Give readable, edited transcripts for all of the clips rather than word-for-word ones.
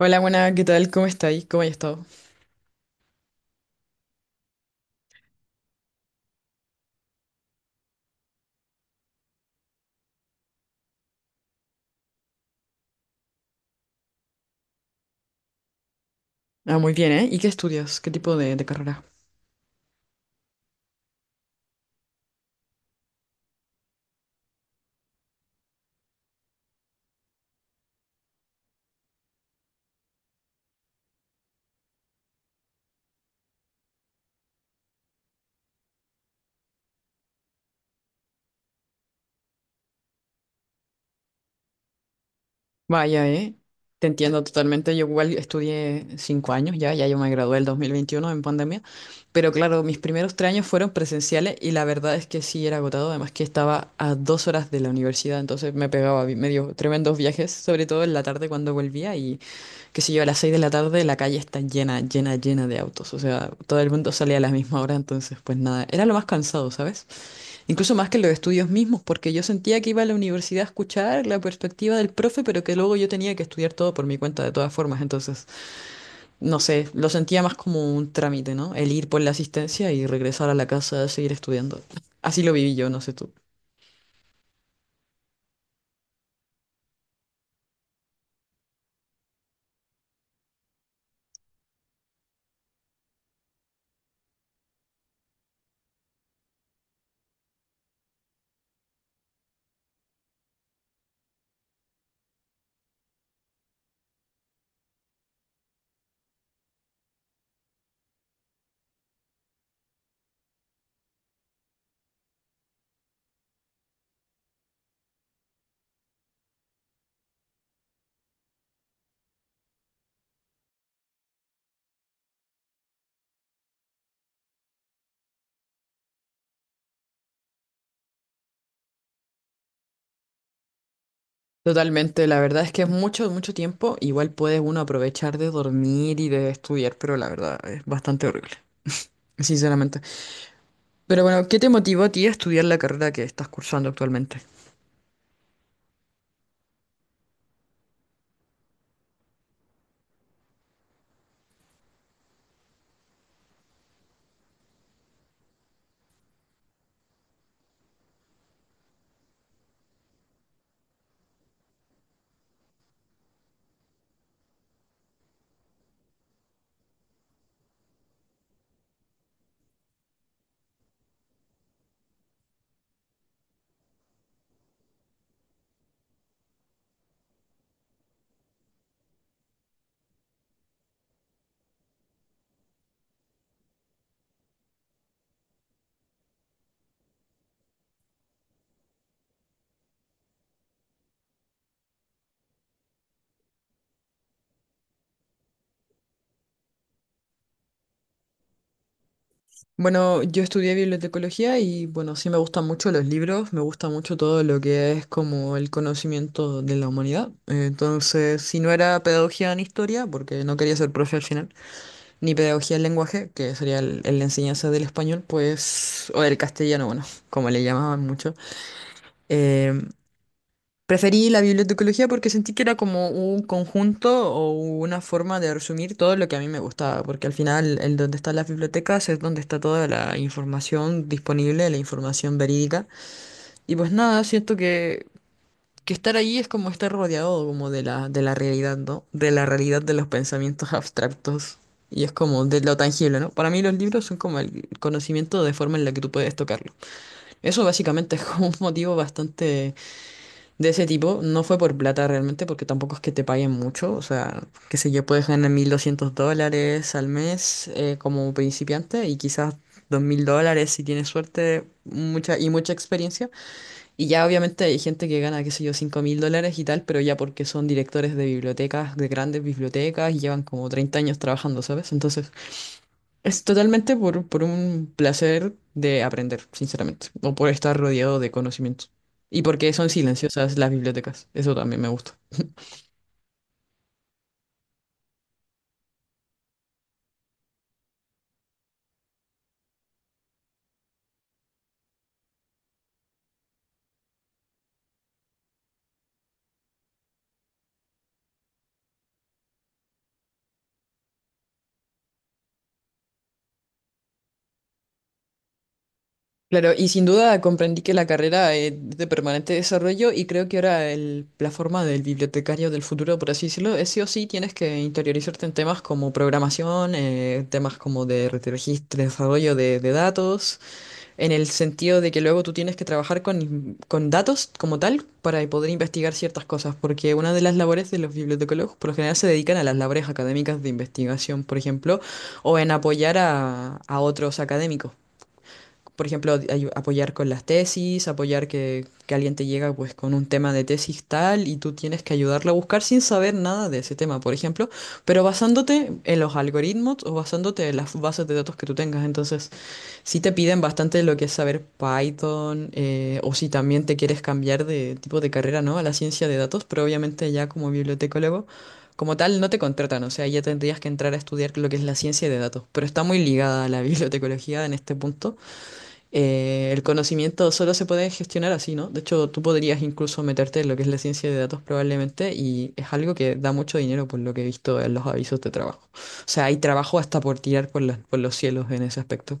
Hola, buena, ¿qué tal? ¿Cómo estáis? ¿Cómo has estado? Ah, muy bien, ¿eh? ¿Y qué estudias? ¿Qué tipo de carrera? Vaya, ¿eh? Te entiendo totalmente. Yo igual estudié 5 años ya yo me gradué el 2021 en pandemia, pero claro, mis primeros 3 años fueron presenciales y la verdad es que sí era agotado, además que estaba a 2 horas de la universidad, entonces me pegaba medio tremendos viajes, sobre todo en la tarde cuando volvía y qué sé yo, a las 6 de la tarde la calle está llena, llena, llena de autos. O sea, todo el mundo salía a la misma hora, entonces pues nada, era lo más cansado, ¿sabes? Incluso más que los estudios mismos, porque yo sentía que iba a la universidad a escuchar la perspectiva del profe, pero que luego yo tenía que estudiar todo por mi cuenta de todas formas. Entonces, no sé, lo sentía más como un trámite, ¿no? El ir por la asistencia y regresar a la casa a seguir estudiando. Así lo viví yo, no sé tú. Totalmente, la verdad es que es mucho, mucho tiempo. Igual puede uno aprovechar de dormir y de estudiar, pero la verdad es bastante horrible, sinceramente. Pero bueno, ¿qué te motivó a ti a estudiar la carrera que estás cursando actualmente? Bueno, yo estudié bibliotecología y bueno, sí me gustan mucho los libros, me gusta mucho todo lo que es como el conocimiento de la humanidad. Entonces, si no era pedagogía en historia, porque no quería ser profe al final, ni pedagogía en lenguaje, que sería la enseñanza del español, pues, o del castellano, bueno, como le llamaban mucho. eh, Preferí la bibliotecología porque sentí que era como un conjunto o una forma de resumir todo lo que a mí me gustaba, porque al final el donde están las bibliotecas es donde está toda la información disponible, la información verídica. Y pues nada, que estar ahí es como estar rodeado como de la realidad, ¿no? De la realidad de los pensamientos abstractos. Y es como de lo tangible, ¿no? Para mí los libros son como el conocimiento de forma en la que tú puedes tocarlo. Eso básicamente es como un motivo bastante de ese tipo. No fue por plata realmente, porque tampoco es que te paguen mucho. O sea, qué sé yo, puedes ganar $1200 al mes como principiante y quizás $2000 si tienes suerte mucha, y mucha experiencia. Y ya obviamente hay gente que gana, qué sé yo, $5000 y tal, pero ya porque son directores de bibliotecas, de grandes bibliotecas y llevan como 30 años trabajando, ¿sabes? Entonces... Es totalmente por un placer de aprender, sinceramente, o por estar rodeado de conocimientos. Y porque son silenciosas las bibliotecas, eso también me gusta. Claro, y sin duda comprendí que la carrera es de permanente desarrollo y creo que ahora la forma del bibliotecario del futuro, por así decirlo, es sí o sí tienes que interiorizarte en temas como programación, temas como de registro, desarrollo de datos. En el sentido de que luego tú tienes que trabajar con datos como tal para poder investigar ciertas cosas, porque una de las labores de los bibliotecólogos por lo general se dedican a las labores académicas de investigación, por ejemplo, o en apoyar a otros académicos. Por ejemplo, apoyar con las tesis, apoyar que alguien te llega pues con un tema de tesis tal y tú tienes que ayudarle a buscar sin saber nada de ese tema, por ejemplo, pero basándote en los algoritmos o basándote en las bases de datos que tú tengas. Entonces, si te piden bastante lo que es saber Python o si también te quieres cambiar de tipo de carrera, ¿no? A la ciencia de datos, pero obviamente ya como bibliotecólogo, como tal, no te contratan, o sea, ya tendrías que entrar a estudiar lo que es la ciencia de datos, pero está muy ligada a la bibliotecología en este punto. El conocimiento solo se puede gestionar así, ¿no? De hecho, tú podrías incluso meterte en lo que es la ciencia de datos probablemente y es algo que da mucho dinero por lo que he visto en los avisos de trabajo. O sea, hay trabajo hasta por tirar por por los cielos en ese aspecto.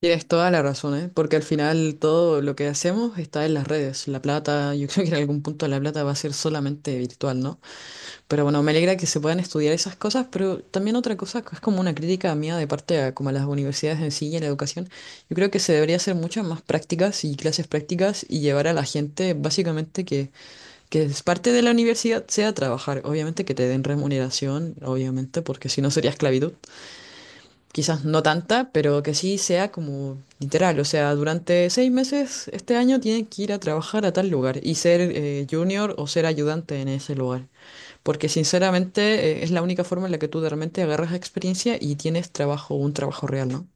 Tienes toda la razón, ¿eh? Porque al final todo lo que hacemos está en las redes. La plata, yo creo que en algún punto la plata va a ser solamente virtual, ¿no? Pero bueno, me alegra que se puedan estudiar esas cosas, pero también otra cosa que es como una crítica mía de parte a como a las universidades en sí y a la educación. Yo creo que se debería hacer muchas más prácticas y clases prácticas y llevar a la gente básicamente que es parte de la universidad sea trabajar. Obviamente que te den remuneración, obviamente, porque si no sería esclavitud quizás no tanta, pero que sí sea como literal. O sea, durante 6 meses este año tienen que ir a trabajar a tal lugar y ser junior o ser ayudante en ese lugar. Porque sinceramente es la única forma en la que tú realmente agarras experiencia y tienes trabajo, un trabajo real, ¿no?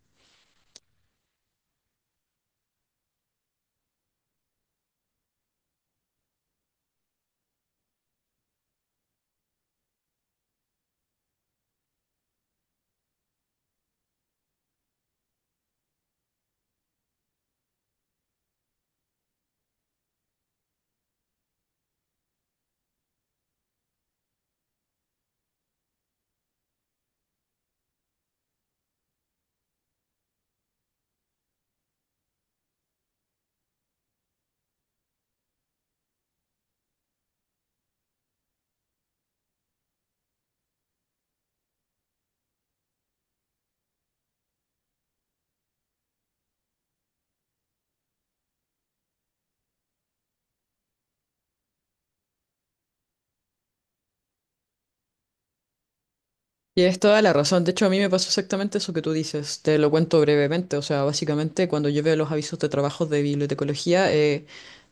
Tienes toda la razón. De hecho, a mí me pasó exactamente eso que tú dices. Te lo cuento brevemente. O sea, básicamente cuando yo veo los avisos de trabajos de bibliotecología,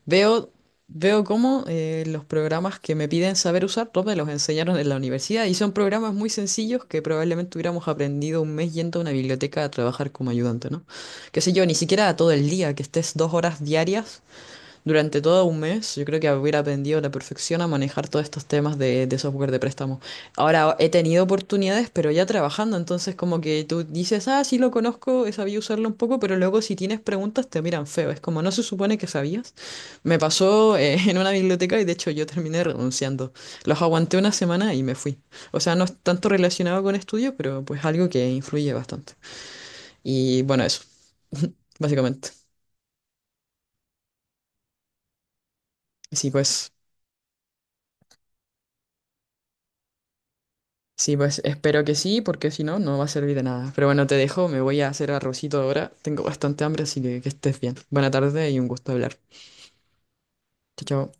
veo, veo cómo los programas que me piden saber usar, todos me los enseñaron en la universidad y son programas muy sencillos que probablemente hubiéramos aprendido un mes yendo a una biblioteca a trabajar como ayudante, ¿no? Qué sé yo, ni siquiera todo el día, que estés 2 horas diarias durante todo un mes, yo creo que hubiera aprendido a la perfección a manejar todos estos temas de software de préstamo. Ahora he tenido oportunidades, pero ya trabajando, entonces como que tú dices, ah, sí lo conozco, he sabido usarlo un poco, pero luego si tienes preguntas te miran feo, es como no se supone que sabías. Me pasó en una biblioteca y de hecho yo terminé renunciando. Los aguanté una semana y me fui. O sea, no es tanto relacionado con estudio, pero pues algo que influye bastante. Y bueno, eso, básicamente. Sí, pues. Sí, pues espero que sí, porque si no, no va a servir de nada. Pero bueno, te dejo, me voy a hacer arrocito ahora. Tengo bastante hambre, así que estés bien. Buena tarde y un gusto hablar. Chao, chao.